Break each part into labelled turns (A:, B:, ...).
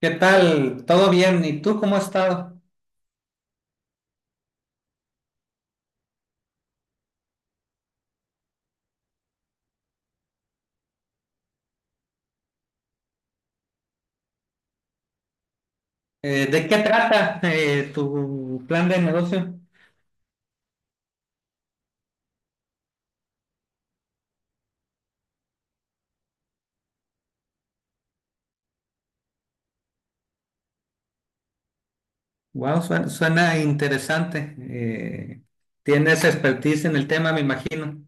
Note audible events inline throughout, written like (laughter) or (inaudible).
A: ¿Qué tal? ¿Todo bien? ¿Y tú cómo has estado? ¿De qué trata tu plan de negocio? Wow, suena, suena interesante. Tienes expertise en el tema, me imagino.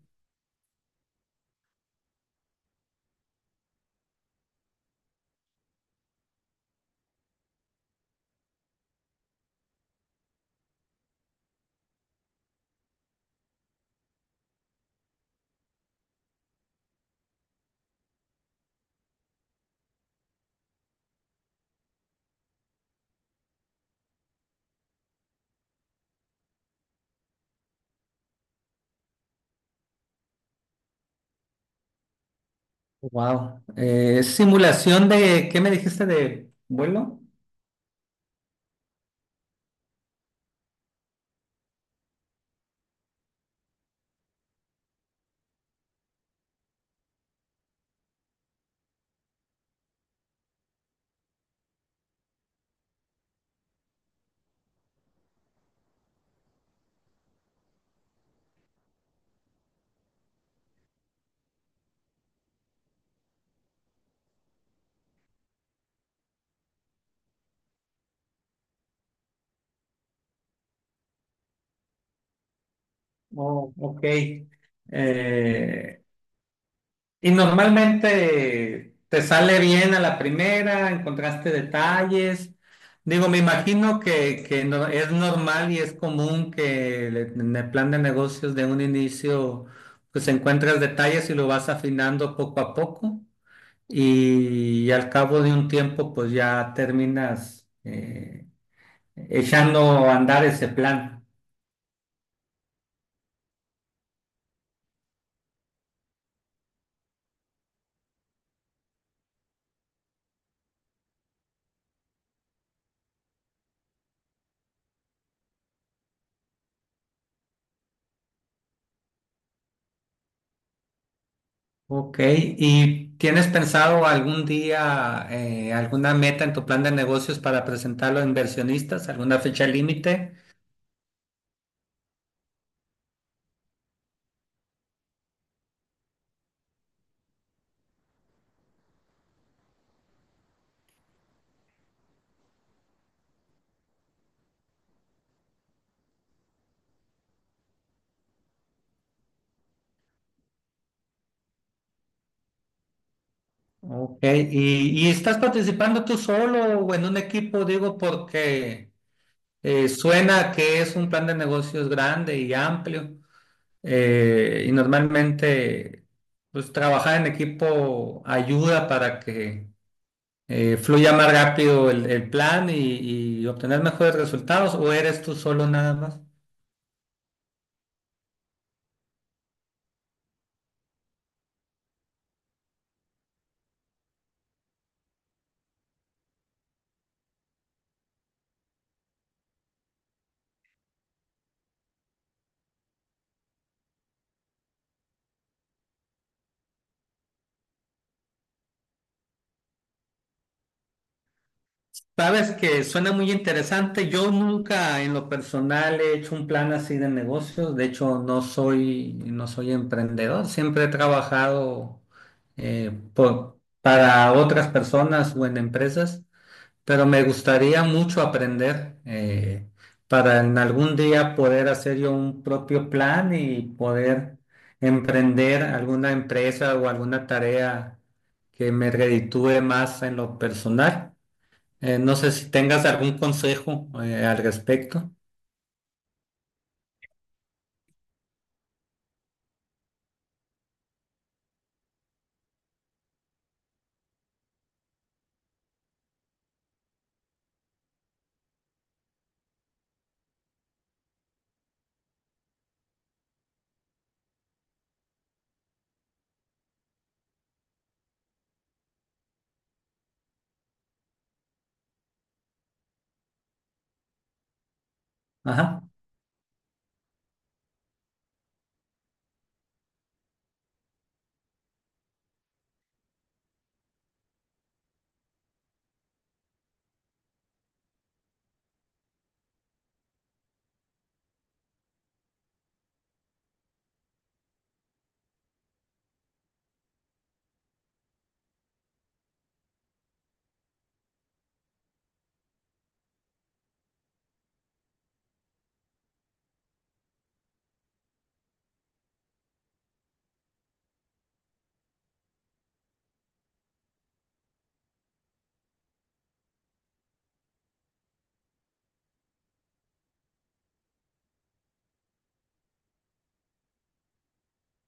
A: Wow. ¿Simulación de qué me dijiste, de vuelo? Oh, ok. Eh, y normalmente te sale bien a la primera, ¿encontraste detalles? Digo, me imagino que, es normal y es común que en el plan de negocios de un inicio pues encuentras detalles y lo vas afinando poco a poco y, al cabo de un tiempo, pues ya terminas echando a andar ese plan. Ok, ¿y tienes pensado algún día alguna meta en tu plan de negocios para presentarlo a inversionistas? ¿Alguna fecha límite? Ok, y estás participando tú solo o en un equipo? Digo, porque suena que es un plan de negocios grande y amplio, y normalmente pues trabajar en equipo ayuda para que fluya más rápido el plan y obtener mejores resultados, ¿o eres tú solo nada más? Sabes que suena muy interesante. Yo nunca en lo personal he hecho un plan así de negocios. De hecho, no soy emprendedor. Siempre he trabajado, para otras personas o en empresas, pero me gustaría mucho aprender, para en algún día poder hacer yo un propio plan y poder emprender alguna empresa o alguna tarea que me reditúe más en lo personal. No sé si tengas algún consejo al respecto. Ajá.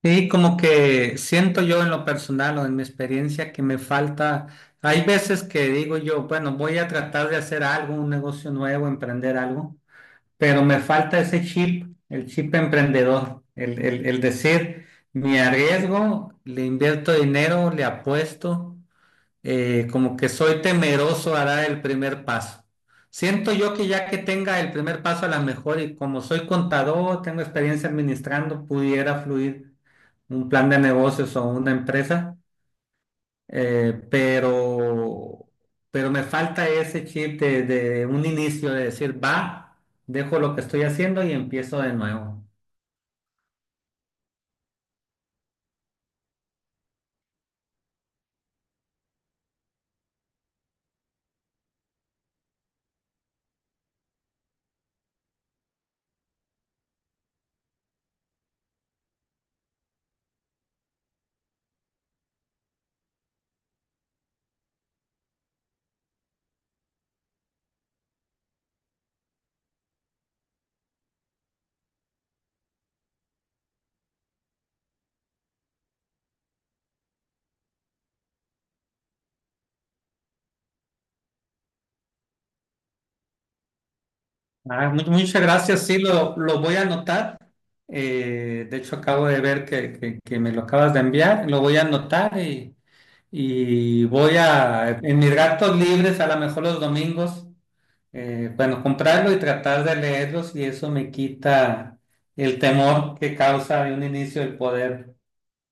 A: Y como que siento yo en lo personal o en mi experiencia que me falta, hay veces que digo yo, bueno, voy a tratar de hacer algo, un negocio nuevo, emprender algo, pero me falta ese chip, el chip emprendedor, el decir, me arriesgo, le invierto dinero, le apuesto. Como que soy temeroso a dar el primer paso. Siento yo que ya que tenga el primer paso, a la mejor, y como soy contador, tengo experiencia administrando, pudiera fluir un plan de negocios o una empresa. eh, pero, pero me falta ese chip de un inicio, de decir, va, dejo lo que estoy haciendo y empiezo de nuevo. Ah, muchas gracias, sí, lo voy a anotar. De hecho, acabo de ver que, que me lo acabas de enviar, lo voy a anotar y voy a, en mis ratos libres, a lo mejor los domingos, bueno, comprarlo y tratar de leerlos, y eso me quita el temor que causa de un inicio el poder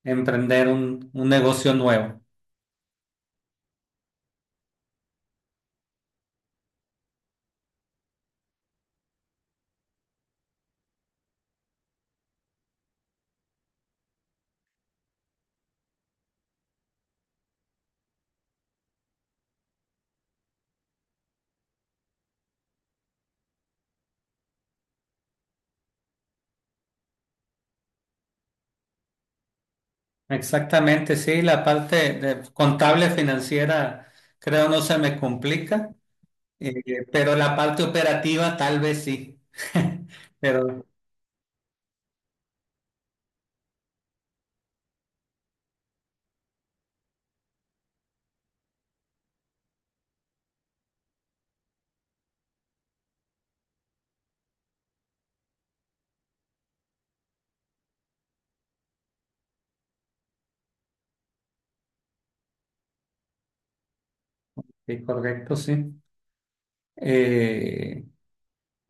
A: emprender un negocio nuevo. Exactamente, sí, la parte de contable financiera creo no se me complica. Pero la parte operativa tal vez sí. (laughs) Pero sí, correcto, sí. Eh,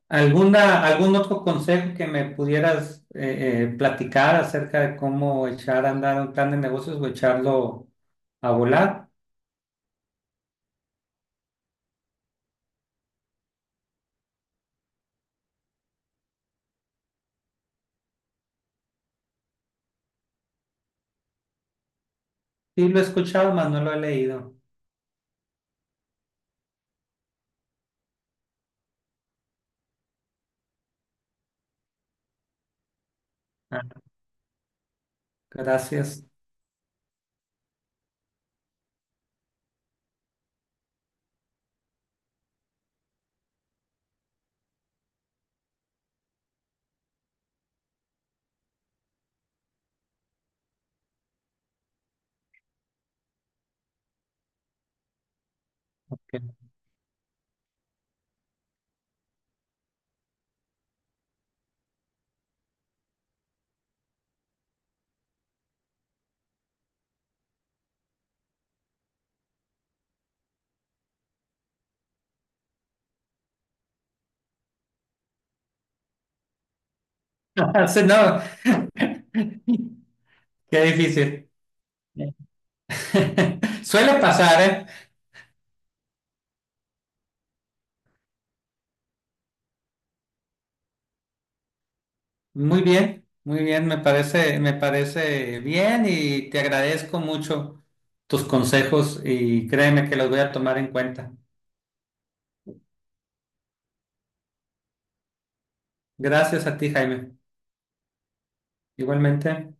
A: ¿Alguna, algún otro consejo que me pudieras, platicar acerca de cómo echar a andar un plan de negocios o echarlo a volar? Sí, lo he escuchado, mas no lo he leído. Ah, gracias. (laughs) Sí. No. (laughs) Qué difícil. (laughs) Suele pasar, ¿eh? Muy bien, me parece bien, y te agradezco mucho tus consejos y créeme que los voy a tomar en cuenta. Gracias a ti, Jaime. Igualmente.